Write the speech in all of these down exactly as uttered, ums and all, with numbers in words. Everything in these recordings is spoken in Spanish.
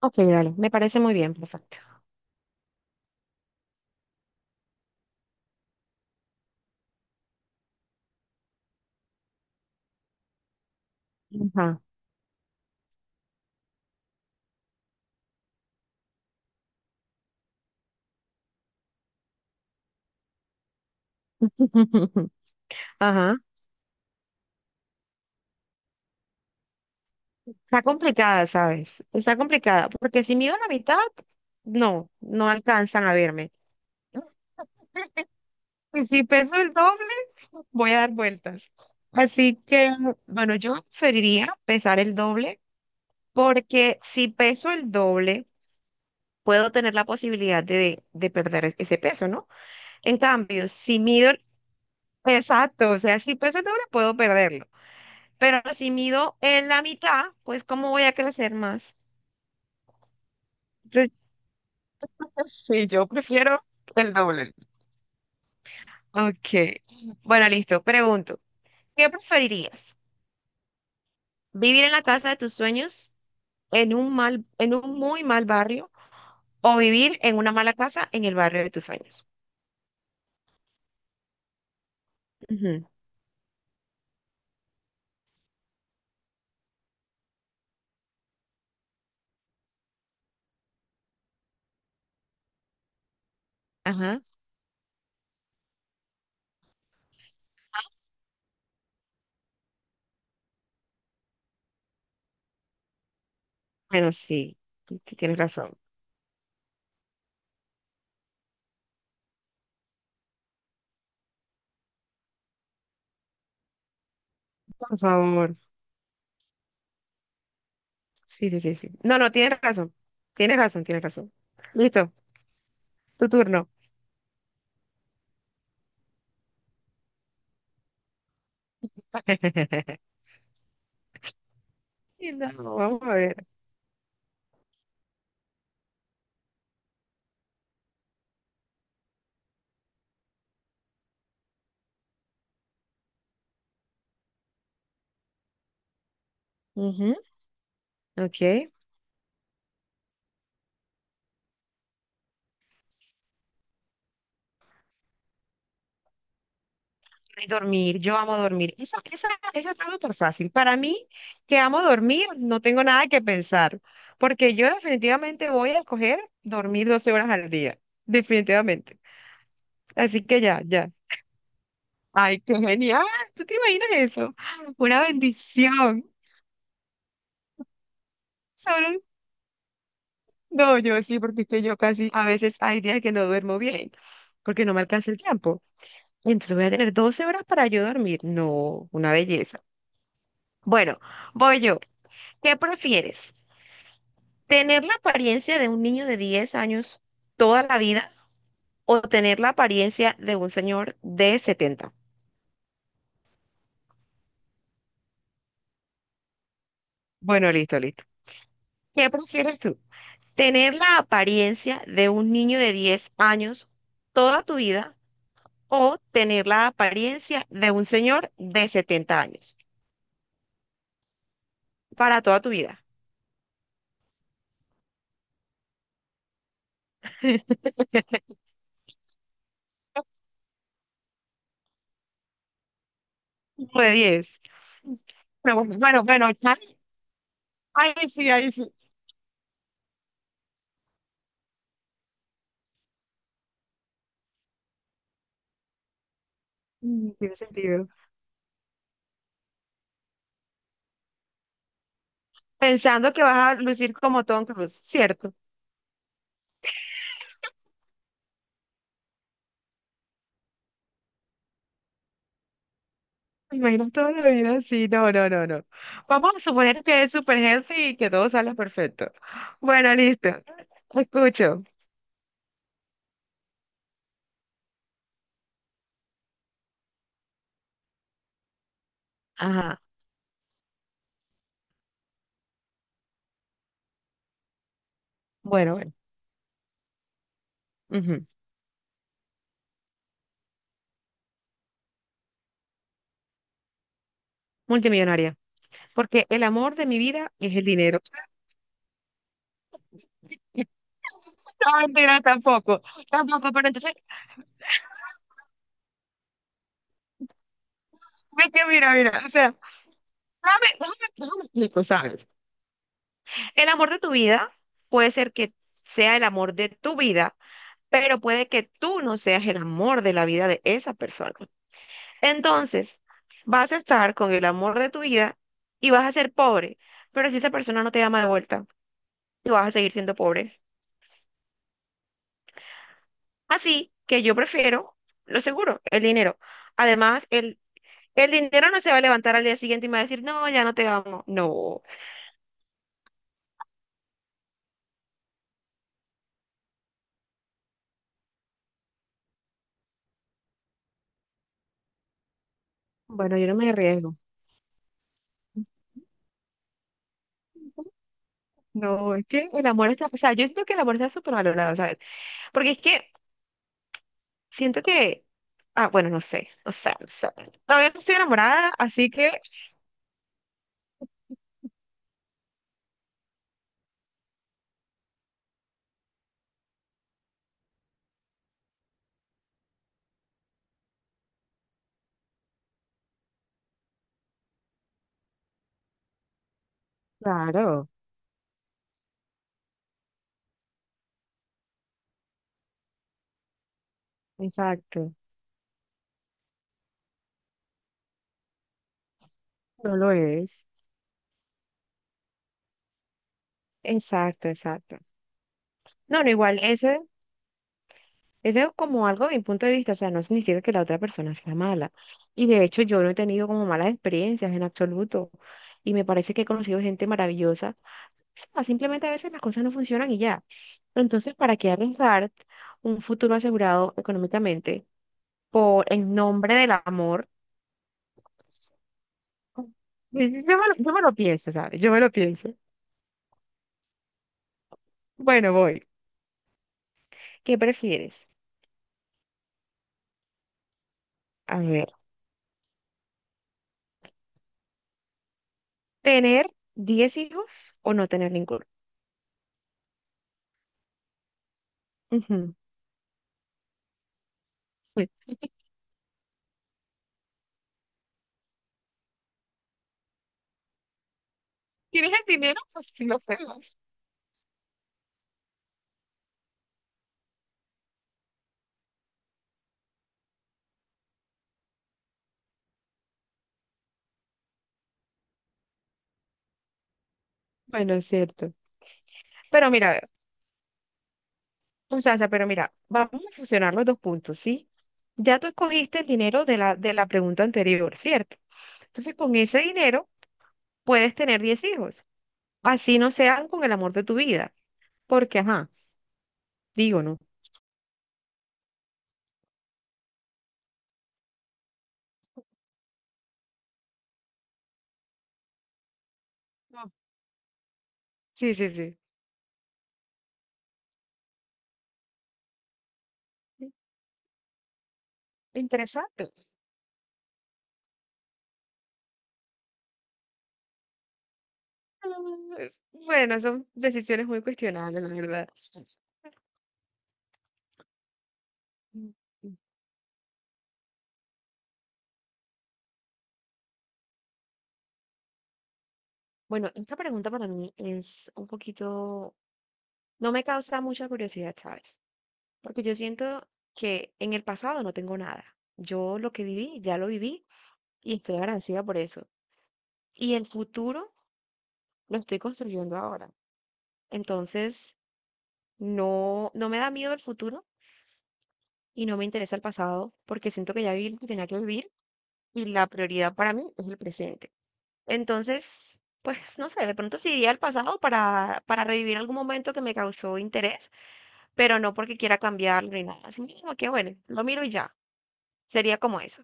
Ok, dale, me parece muy bien, perfecto. Ajá. Ajá. Está complicada, ¿sabes? Está complicada, porque si mido la mitad, no, no alcanzan a verme. Y si peso el doble, voy a dar vueltas. Así que, bueno, yo preferiría pesar el doble, porque si peso el doble, puedo tener la posibilidad de, de perder ese peso, ¿no? En cambio, si mido, el- exacto, o sea, si peso el doble, puedo perderlo. Pero si mido en la mitad, pues ¿cómo voy a crecer más? Entonces, sí, yo prefiero el doble. Ok. Bueno, listo. Pregunto, ¿qué preferirías? ¿Vivir en la casa de tus sueños en un mal, en un muy mal barrio o vivir en una mala casa en el barrio de tus sueños? Ujú. Ajá. Bueno, sí, sí, sí, tienes razón. Por favor. Sí, sí, sí, sí. No, no, tienes razón. Tienes razón, tienes razón. Listo, tu turno. No, vamos a ver. Ok. Y dormir, yo amo dormir. Esa, esa, esa está súper fácil. Para mí, que amo dormir, no tengo nada que pensar, porque yo definitivamente voy a escoger dormir doce horas al día, definitivamente. Así que ya, ya. Ay, qué genial. ¿Tú te imaginas eso? Una bendición. Solo- No, yo sí, porque es que yo casi a veces hay días que no duermo bien, porque no me alcanza el tiempo. Y entonces voy a tener doce horas para yo dormir. No, una belleza. Bueno, voy yo. ¿Qué prefieres? ¿Tener la apariencia de un niño de diez años toda la vida o tener la apariencia de un señor de setenta? Bueno, listo, listo. ¿Qué prefieres tú? ¿Tener la apariencia de un niño de diez años toda tu vida o tener la apariencia de un señor de setenta años para toda tu vida? Como de diez. Bueno, bueno, bueno, ya- Ay, sí, ay, sí. Mm, tiene sentido. Pensando que vas a lucir como Tom Cruise, ¿cierto? ¿Te imaginas toda la vida así? No, no, no, no. Vamos a suponer que es super healthy y que todo sale perfecto. Bueno, listo. Te escucho. Ajá. Bueno, bueno. Ujú. Multimillonaria. Porque el amor de mi vida es el dinero. No, mentira, tampoco. Tampoco, pero entonces, ve que mira, mira. O sea, déjame, déjame, déjame explico, ¿sabes? El amor de tu vida puede ser que sea el amor de tu vida, pero puede que tú no seas el amor de la vida de esa persona. Entonces, vas a estar con el amor de tu vida y vas a ser pobre, pero si esa persona no te ama de vuelta, tú vas a seguir siendo pobre. Así que yo prefiero, lo seguro, el dinero. Además, el, el dinero no se va a levantar al día siguiente y me va a decir, no, ya no te amo. No, bueno, yo no me arriesgo. No, es que el amor está, o sea, yo siento que el amor está súper valorado, ¿sabes? Porque es que siento que, ah, bueno, no sé, o sea, no sé. Todavía no estoy enamorada, así que... Claro, exacto. No lo es. Exacto, exacto. No, no, igual, ese, ese es como algo de mi punto de vista, o sea, no significa que la otra persona sea mala. Y de hecho, yo no he tenido como malas experiencias en absoluto. Y me parece que he conocido gente maravillosa. O sea, simplemente a veces las cosas no funcionan y ya. Entonces, ¿para qué arriesgar un futuro asegurado económicamente por en nombre del amor? Yo me lo, yo me lo pienso, ¿sabes? Yo me lo pienso. Bueno, voy. ¿Qué prefieres? A ver. ¿Tener diez hijos o no tener ninguno? Ujú. Uy, ¿tienes el dinero? Pues sí lo pegas. Bueno, es cierto. Pero mira, o sea, o sea, pero mira, vamos a fusionar los dos puntos, ¿sí? Ya tú escogiste el dinero de la, de la pregunta anterior, ¿cierto? Entonces, con ese dinero puedes tener diez hijos. Así no sean con el amor de tu vida. Porque, ajá, digo, ¿no? No. Sí, sí, sí. Interesante. Ah, bueno, son decisiones muy cuestionables, la verdad. Bueno, esta pregunta para mí es un poquito, no me causa mucha curiosidad, ¿sabes? Porque yo siento que en el pasado no tengo nada. Yo lo que viví, ya lo viví y estoy agradecida por eso. Y el futuro lo estoy construyendo ahora. Entonces, no, no me da miedo el futuro y no me interesa el pasado porque siento que ya viví lo que tenía que vivir y la prioridad para mí es el presente. Entonces, pues no sé, de pronto sí iría al pasado para, para revivir algún momento que me causó interés pero no porque quiera cambiarlo ni nada. Así mismo que bueno, lo miro y ya. Sería como eso.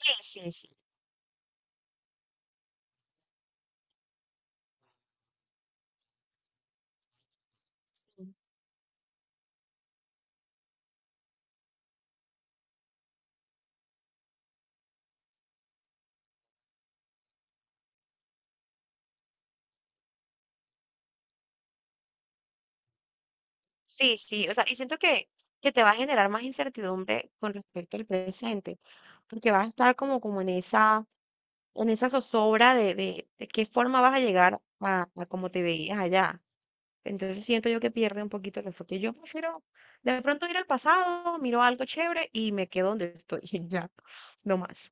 Sí, sí, sí. Sí, sí, sí, o sea, y siento que, que te va a generar más incertidumbre con respecto al presente, porque vas a estar como, como en esa, en esa zozobra de, de, de qué forma vas a llegar a, a como te veías allá. Entonces siento yo que pierde un poquito el enfoque. Yo prefiero de pronto ir al pasado, miro algo chévere y me quedo donde estoy y ya, no más.